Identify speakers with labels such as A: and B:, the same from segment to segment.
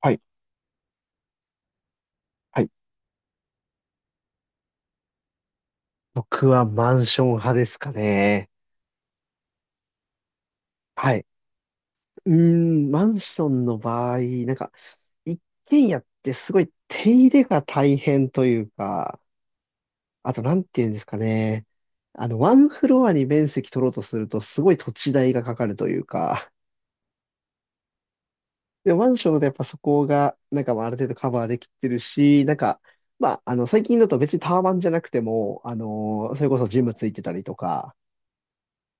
A: はい、はい、僕はマンション派ですかね。はい、うマンションの場合、なんか、一軒家ってすごい手入れが大変というか、あと、なんていうんですかね。ワンフロアに面積取ろうとすると、すごい土地代がかかるというか、で、マンションだとやっぱそこが、まあある程度カバーできてるし、まあ、最近だと別にタワマンじゃなくても、それこそジムついてたりとか、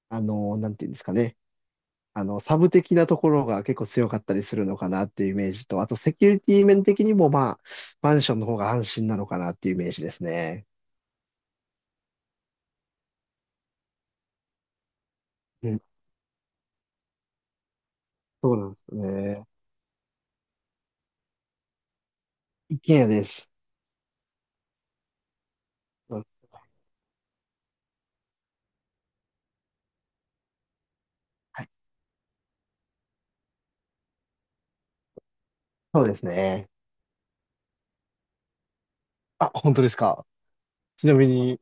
A: なんていうんですかね。サブ的なところが結構強かったりするのかなっていうイメージと、あとセキュリティ面的にもまあ、マンションの方が安心なのかなっていうイメージですね。うん、そうなんですね。一軒家です。うん、はい、そうですね。あ、本当ですか。ちなみに、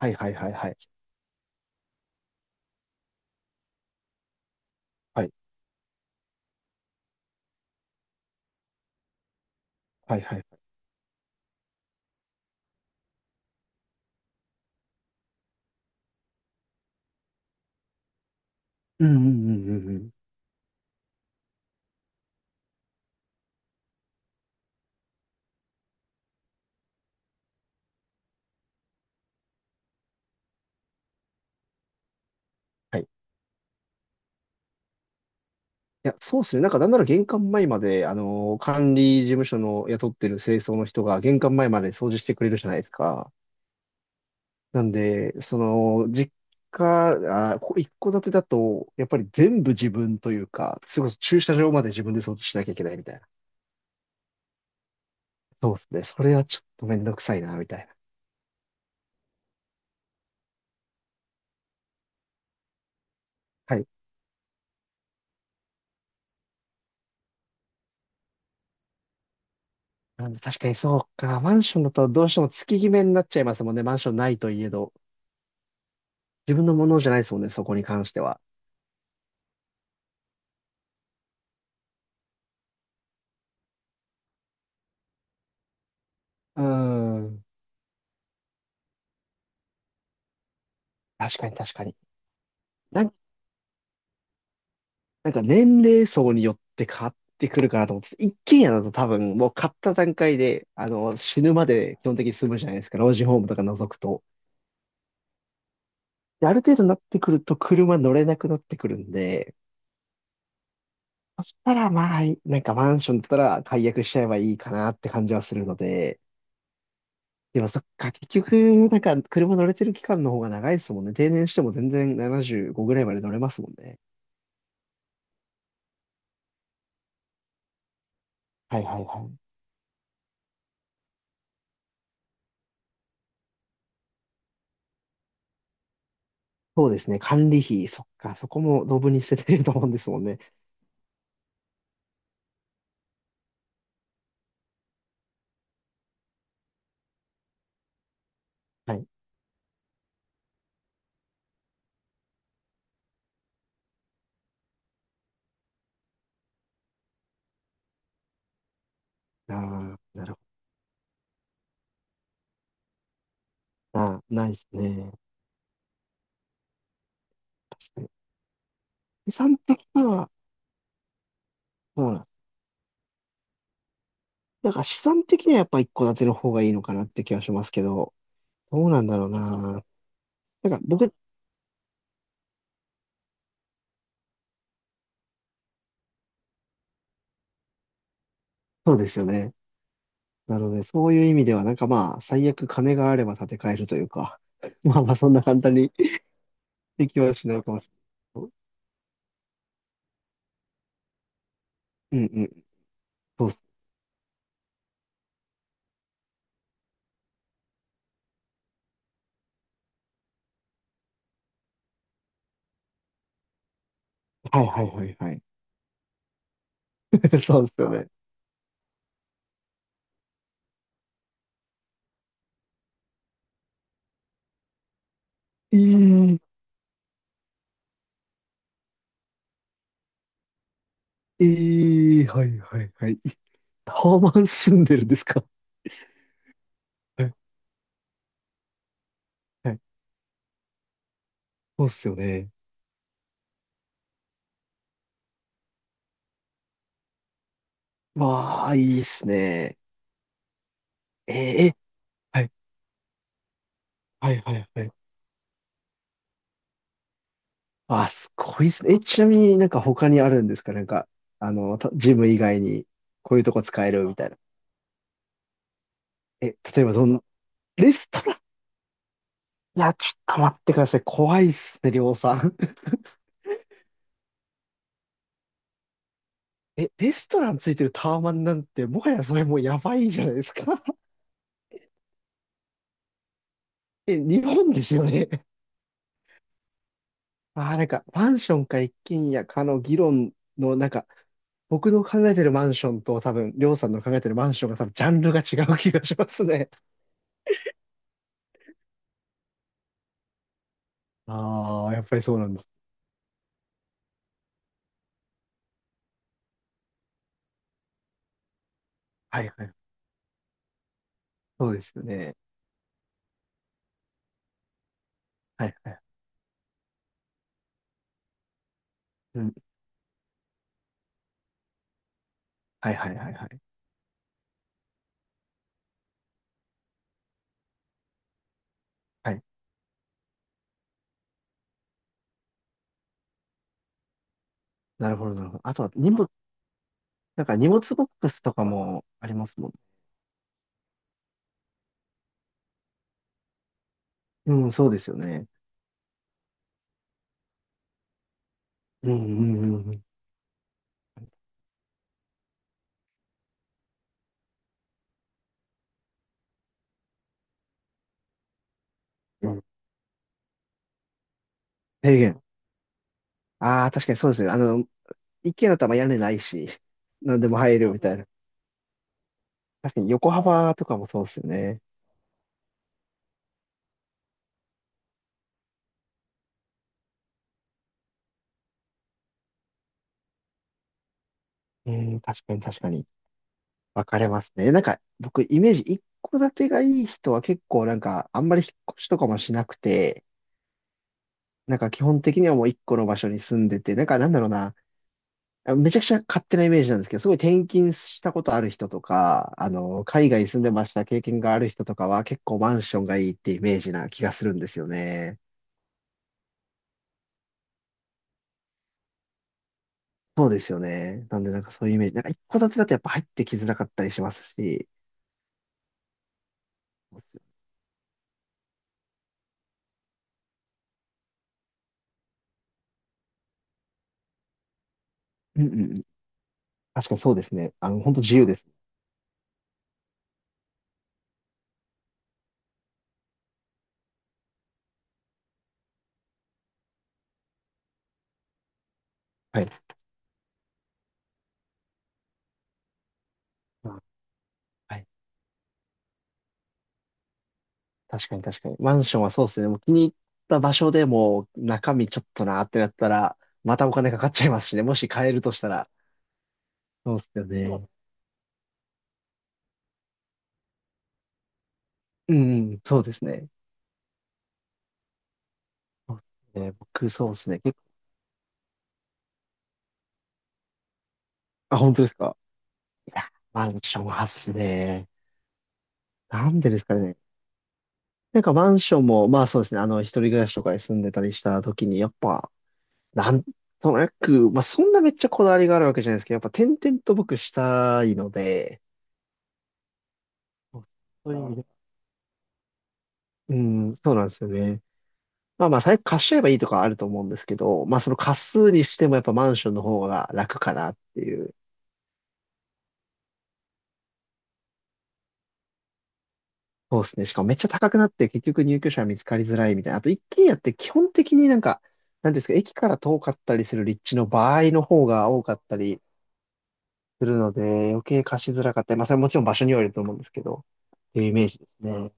A: はいはいはいはいはいはいはいはい。はいはいはい。うんうんうんうんうん。はい。いや、そうですね。なんなら玄関前まで、管理事務所の雇ってる清掃の人が玄関前まで掃除してくれるじゃないですか。なんで、実家、あ、こ一戸建てだと、やっぱり全部自分というか、それこそ駐車場まで自分で掃除しなきゃいけないみたいな。そうですね。それはちょっとめんどくさいな、みたいな。はい。確かにそうか。マンションだとどうしても月決めになっちゃいますもんね。マンションないといえど。自分のものじゃないですもんね、そこに関しては。うーん。確かに確かに。年齢層によって変わってくるかなと思ってて、一軒家だと多分もう買った段階で、あの、死ぬまで基本的に住むじゃないですか、老人ホームとか除くと。で、ある程度になってくると車乗れなくなってくるんで、たらまあ、マンションだったら解約しちゃえばいいかなって感じはするので、でもそっか、結局、車乗れてる期間の方が長いですもんね。定年しても全然75ぐらいまで乗れますもんね。はいはいはい。そうですね。管理費、そっか、そこもドブに捨ててると思うんですもんね。はい、ああ、なるほど。ないですね。資産的には、そうなん。だから資産的にはやっぱ一戸建ての方がいいのかなって気はしますけど、どうなんだろうな。ね、僕、そうですよね。なので、そういう意味では、まあ、最悪金があれば建て替えるというか、まあまあ、そんな簡単にできはしないかもしれない。うんうん。そうっす。はいはいはいはい。そうですよね。えー、えー、はいはいはい。タワマン住んでるんですか？ はいはい。そうっすよね。わあ、いいっすね。えーえ、はい、はい、はい、はい。あ、すごいっすね。え、ちなみになんか他にあるんですか？ジム以外にこういうとこ使えるみたいな。え、例えばどん、レストラン、いや、ちょっと待ってください。怖いっすね、りょうさん。え、レストランついてるタワマンなんて、もはやそれもうやばいじゃないですか。え、日本ですよね。ああ、マンションか一軒家かの議論の、僕の考えてるマンションと多分、りょうさんの考えてるマンションが多分、ジャンルが違う気がしますね。ああ、やっぱりそうなんです。はいはい。そうですよね。はいはい。うん。はいはいはいはい。はい。なるほどなるほど。あとは荷物、荷物ボックスとかもありますもん。うん、そうですよね。うんうんうんうん。うん、制限、ああ、確かにそうですね。一軒家だったらまあ屋根ないし、何でも入るみたいな。確かに横幅とかもそうですよね。確かに確かに。分かれますね。僕、イメージ、一戸建てがいい人は結構あんまり引っ越しとかもしなくて、基本的にはもう一個の場所に住んでて、なんだろうな、あ、めちゃくちゃ勝手なイメージなんですけど、すごい転勤したことある人とか、海外住んでました経験がある人とかは結構マンションがいいってイメージな気がするんですよね。そうですよね。なんでそういうイメージ。一戸建てだとやっぱ入ってきづらかったりしますし。うんうんうん。確かにそうですね。本当自由です。はい。はい、確かに確かに。マンションはそうですね。もう気に入った場所でもう中身ちょっとなってなったら、またお金かかっちゃいますしね。もし買えるとしたら。そうですよね。うん、うん、そうですね。そうですね。僕、そうですね。結構、あ、本当ですか。いや、マンションはっすね。なんでですかね。マンションも、まあそうですね。一人暮らしとかで住んでたりした時に、やっぱ、なんとなく、まあそんなめっちゃこだわりがあるわけじゃないですけど、やっぱ点々と僕したいので、そういう意味で、うん、そうなんですよね。まあまあ、最悪貸しちゃえばいいとかはあると思うんですけど、まあその貸すにしてもやっぱマンションの方が楽かなっていう。そうですね。しかもめっちゃ高くなって結局入居者は見つかりづらいみたいな。あと一軒家って基本的になんていうんですか、駅から遠かったりする立地の場合の方が多かったりするので、余計貸しづらかったり、まあそれはもちろん場所によると思うんですけど、っていうイメージですね。